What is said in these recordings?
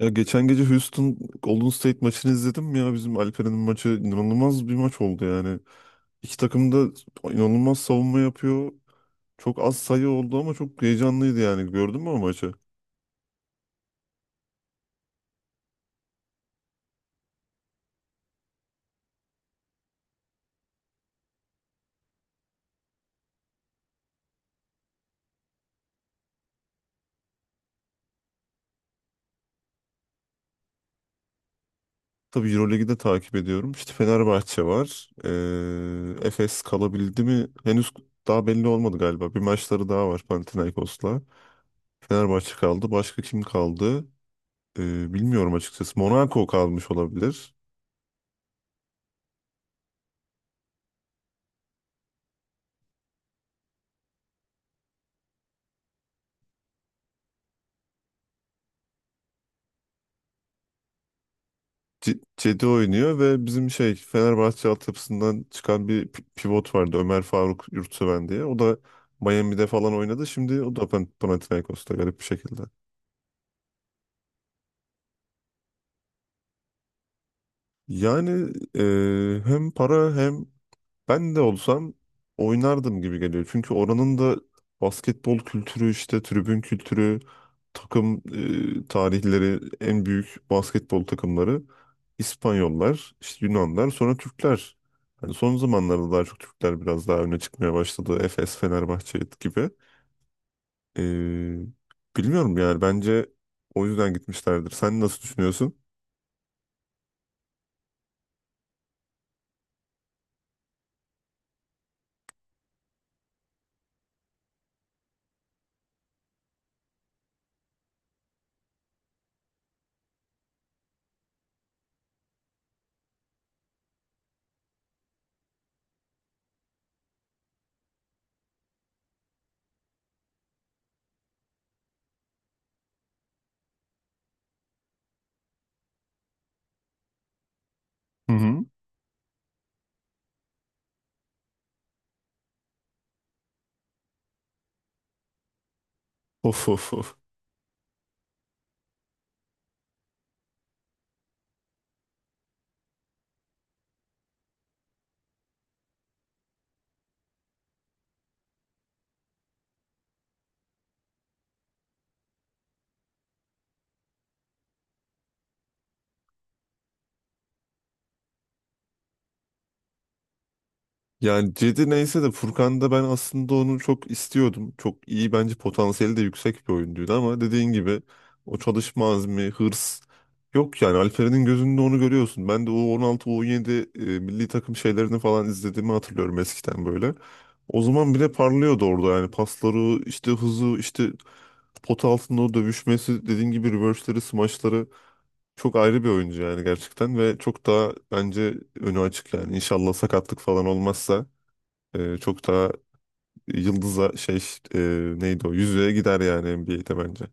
Ya geçen gece Houston Golden State maçını izledim ya. Bizim Alperen'in maçı inanılmaz bir maç oldu yani. İki takım da inanılmaz savunma yapıyor. Çok az sayı oldu ama çok heyecanlıydı yani. Gördün mü o maçı? Tabii Euroleague'i de takip ediyorum. İşte Fenerbahçe var. Efes kalabildi mi? Henüz daha belli olmadı galiba. Bir maçları daha var Panathinaikos'la. Fenerbahçe kaldı. Başka kim kaldı? Bilmiyorum açıkçası. Monaco kalmış olabilir. Cedi oynuyor ve bizim şey Fenerbahçe altyapısından çıkan bir pivot vardı Ömer Faruk Yurtseven diye. O da Miami'de falan oynadı. Şimdi o da Panathinaikos'ta garip bir şekilde. Yani hem para hem ben de olsam oynardım gibi geliyor. Çünkü oranın da basketbol kültürü işte tribün kültürü, takım tarihleri, en büyük basketbol takımları İspanyollar, işte Yunanlar, sonra Türkler. Hani son zamanlarda daha çok Türkler biraz daha öne çıkmaya başladı. Efes, Fenerbahçe gibi. E, bilmiyorum yani bence o yüzden gitmişlerdir. Sen nasıl düşünüyorsun? Hı hı. Of of of. Yani Cedi neyse de Furkan'da ben aslında onu çok istiyordum. Çok iyi bence potansiyeli de yüksek bir oyuncuydu ama dediğin gibi o çalışma azmi, hırs yok yani Alperen'in gözünde onu görüyorsun. Ben de U16, U17 milli takım şeylerini falan izlediğimi hatırlıyorum eskiden böyle. O zaman bile parlıyordu orada yani pasları, işte hızı, işte pot altında o dövüşmesi, dediğin gibi reverse'leri, smaçları çok ayrı bir oyuncu yani gerçekten ve çok daha bence önü açık yani. İnşallah sakatlık falan olmazsa çok daha yıldıza şey e, neydi o yüzüğe gider yani NBA'de bence.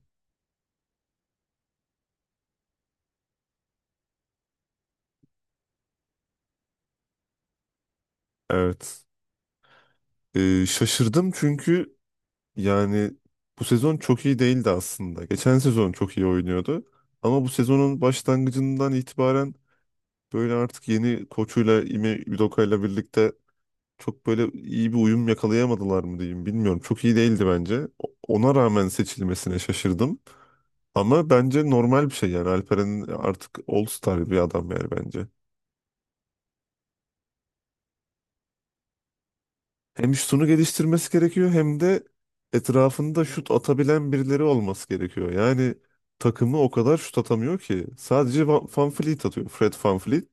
Evet. Şaşırdım çünkü yani bu sezon çok iyi değildi aslında. Geçen sezon çok iyi oynuyordu. Ama bu sezonun başlangıcından itibaren böyle artık yeni koçuyla Ime Udoka'yla birlikte çok böyle iyi bir uyum yakalayamadılar mı diyeyim bilmiyorum. Çok iyi değildi bence. Ona rağmen seçilmesine şaşırdım. Ama bence normal bir şey yani. Alperen'in artık All-Star bir adam yani bence. Hem şutunu geliştirmesi gerekiyor hem de etrafında şut atabilen birileri olması gerekiyor. Yani takımı o kadar şut atamıyor ki. Sadece Van Fleet atıyor. Fred Van Fleet.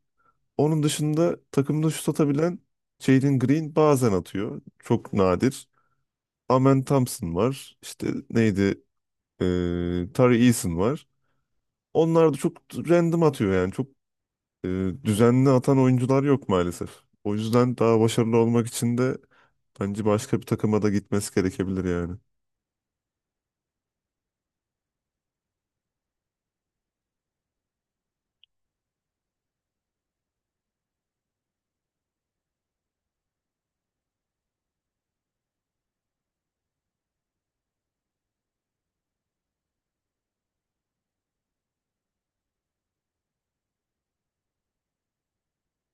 Onun dışında takımda şut atabilen Jalen Green bazen atıyor. Çok nadir. Amen Thompson var. İşte neydi? Tari Eason var. Onlar da çok random atıyor yani. Çok e, düzenli atan oyuncular yok maalesef. O yüzden daha başarılı olmak için de bence başka bir takıma da gitmesi gerekebilir yani.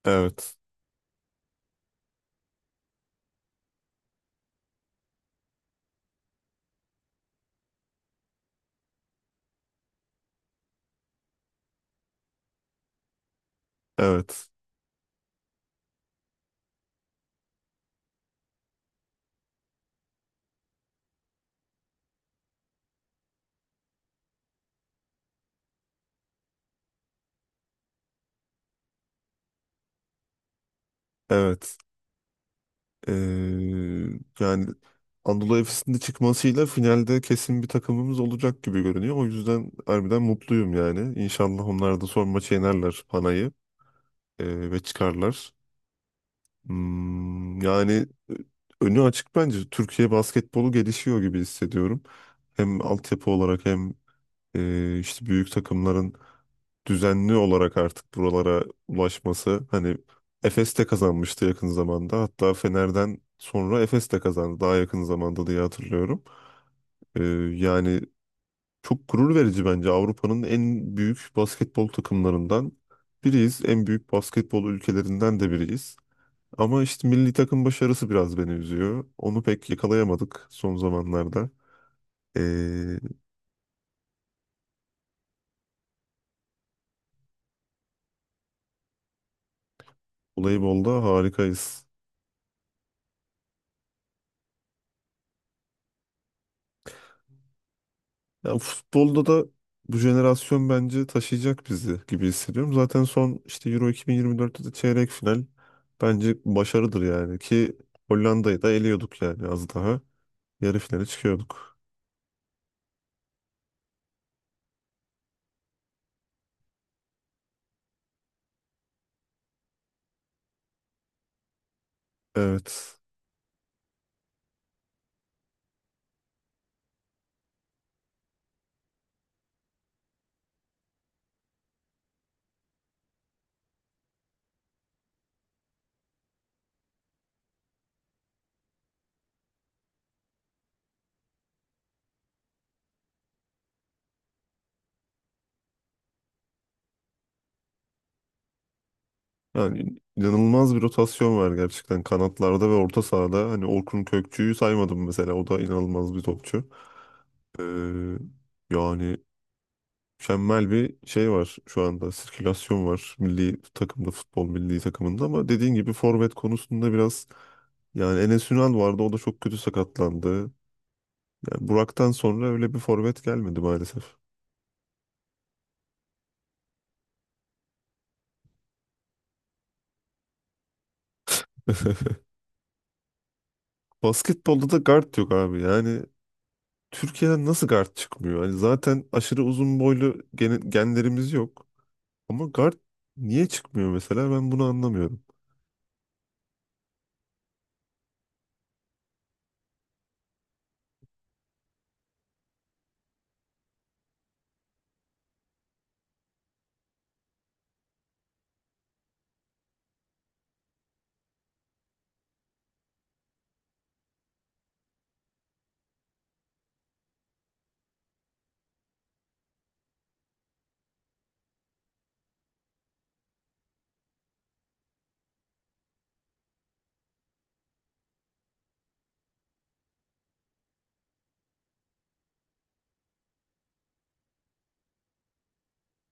Evet. Evet. Evet. Ee, yani Anadolu Efes'in de çıkmasıyla finalde kesin bir takımımız olacak gibi görünüyor. O yüzden harbiden mutluyum yani. İnşallah onlar da son maçı yenerler Panay'ı ve çıkarlar. Yani önü açık bence. Türkiye basketbolu gelişiyor gibi hissediyorum. Hem altyapı olarak hem işte büyük takımların düzenli olarak artık buralara ulaşması hani Efes de kazanmıştı yakın zamanda. Hatta Fener'den sonra Efes de kazandı daha yakın zamanda diye hatırlıyorum. Ee, yani çok gurur verici bence Avrupa'nın en büyük basketbol takımlarından biriyiz. En büyük basketbol ülkelerinden de biriyiz. Ama işte milli takım başarısı biraz beni üzüyor. Onu pek yakalayamadık son zamanlarda. Ee, voleybolda harikayız. Ya futbolda da bu jenerasyon bence taşıyacak bizi gibi hissediyorum. Zaten son işte Euro 2024'te de çeyrek final bence başarıdır yani ki Hollanda'yı da eliyorduk yani az daha yarı finale çıkıyorduk. Evet. Yani inanılmaz bir rotasyon var gerçekten kanatlarda ve orta sahada. Hani Orkun Kökçü'yü saymadım mesela. O da inanılmaz bir topçu. Ee, yani mükemmel bir şey var şu anda. Sirkülasyon var milli takımda, futbol milli takımında ama dediğin gibi forvet konusunda biraz yani Enes Ünal vardı o da çok kötü sakatlandı. Yani Burak'tan sonra öyle bir forvet gelmedi maalesef. Basketbolda da guard yok abi. Yani Türkiye'den nasıl guard çıkmıyor? Hani zaten aşırı uzun boylu genlerimiz yok. Ama guard niye çıkmıyor mesela ben bunu anlamıyorum.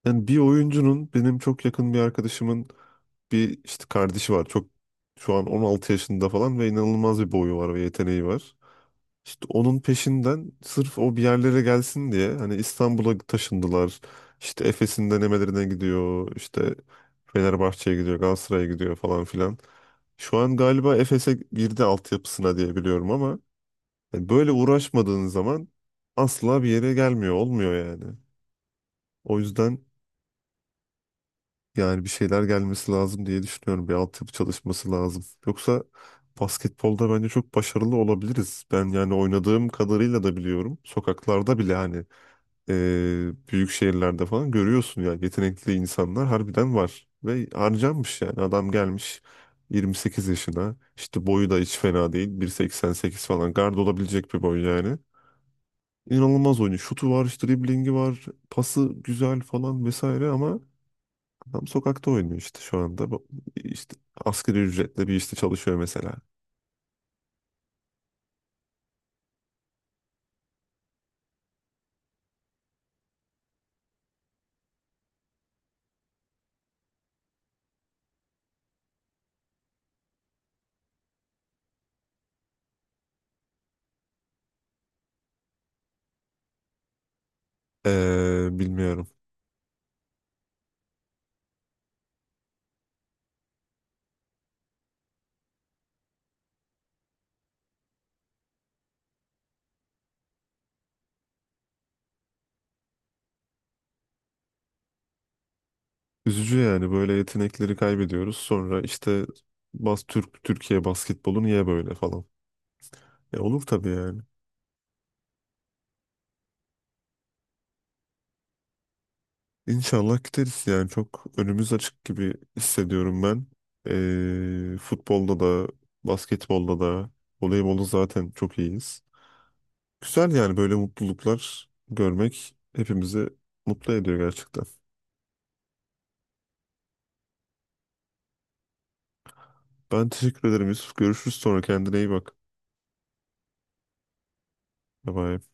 Yani bir oyuncunun benim çok yakın bir arkadaşımın bir işte kardeşi var. Çok şu an 16 yaşında falan ve inanılmaz bir boyu var ve yeteneği var. İşte onun peşinden sırf o bir yerlere gelsin diye hani İstanbul'a taşındılar. İşte Efes'in denemelerine gidiyor. İşte Fenerbahçe'ye gidiyor, Galatasaray'a gidiyor falan filan. Şu an galiba Efes'e girdi altyapısına diye biliyorum ama yani böyle uğraşmadığın zaman asla bir yere gelmiyor, olmuyor yani. O yüzden. Yani bir şeyler gelmesi lazım diye düşünüyorum. Bir altyapı çalışması lazım. Yoksa basketbolda bence çok başarılı olabiliriz. Ben yani oynadığım kadarıyla da biliyorum. Sokaklarda bile hani büyük şehirlerde falan görüyorsun ya yetenekli insanlar harbiden var. Ve harcanmış yani adam gelmiş 28 yaşına. İşte boyu da hiç fena değil. 1,88 falan gard olabilecek bir boy yani. İnanılmaz oynuyor. Şutu var, işte driblingi var, pası güzel falan vesaire ama adam sokakta oynuyor işte şu anda. İşte asgari ücretle bir işte çalışıyor mesela. Bilmiyorum. Üzücü yani böyle yetenekleri kaybediyoruz. Sonra işte bas Türk Türkiye basketbolu niye böyle falan. Olur tabii yani. İnşallah gideriz yani çok önümüz açık gibi hissediyorum ben. Futbolda da basketbolda da voleybolda zaten çok iyiyiz. Güzel yani böyle mutluluklar görmek hepimizi mutlu ediyor gerçekten. Ben teşekkür ederim Yusuf. Görüşürüz sonra. Kendine iyi bak. Bye bye.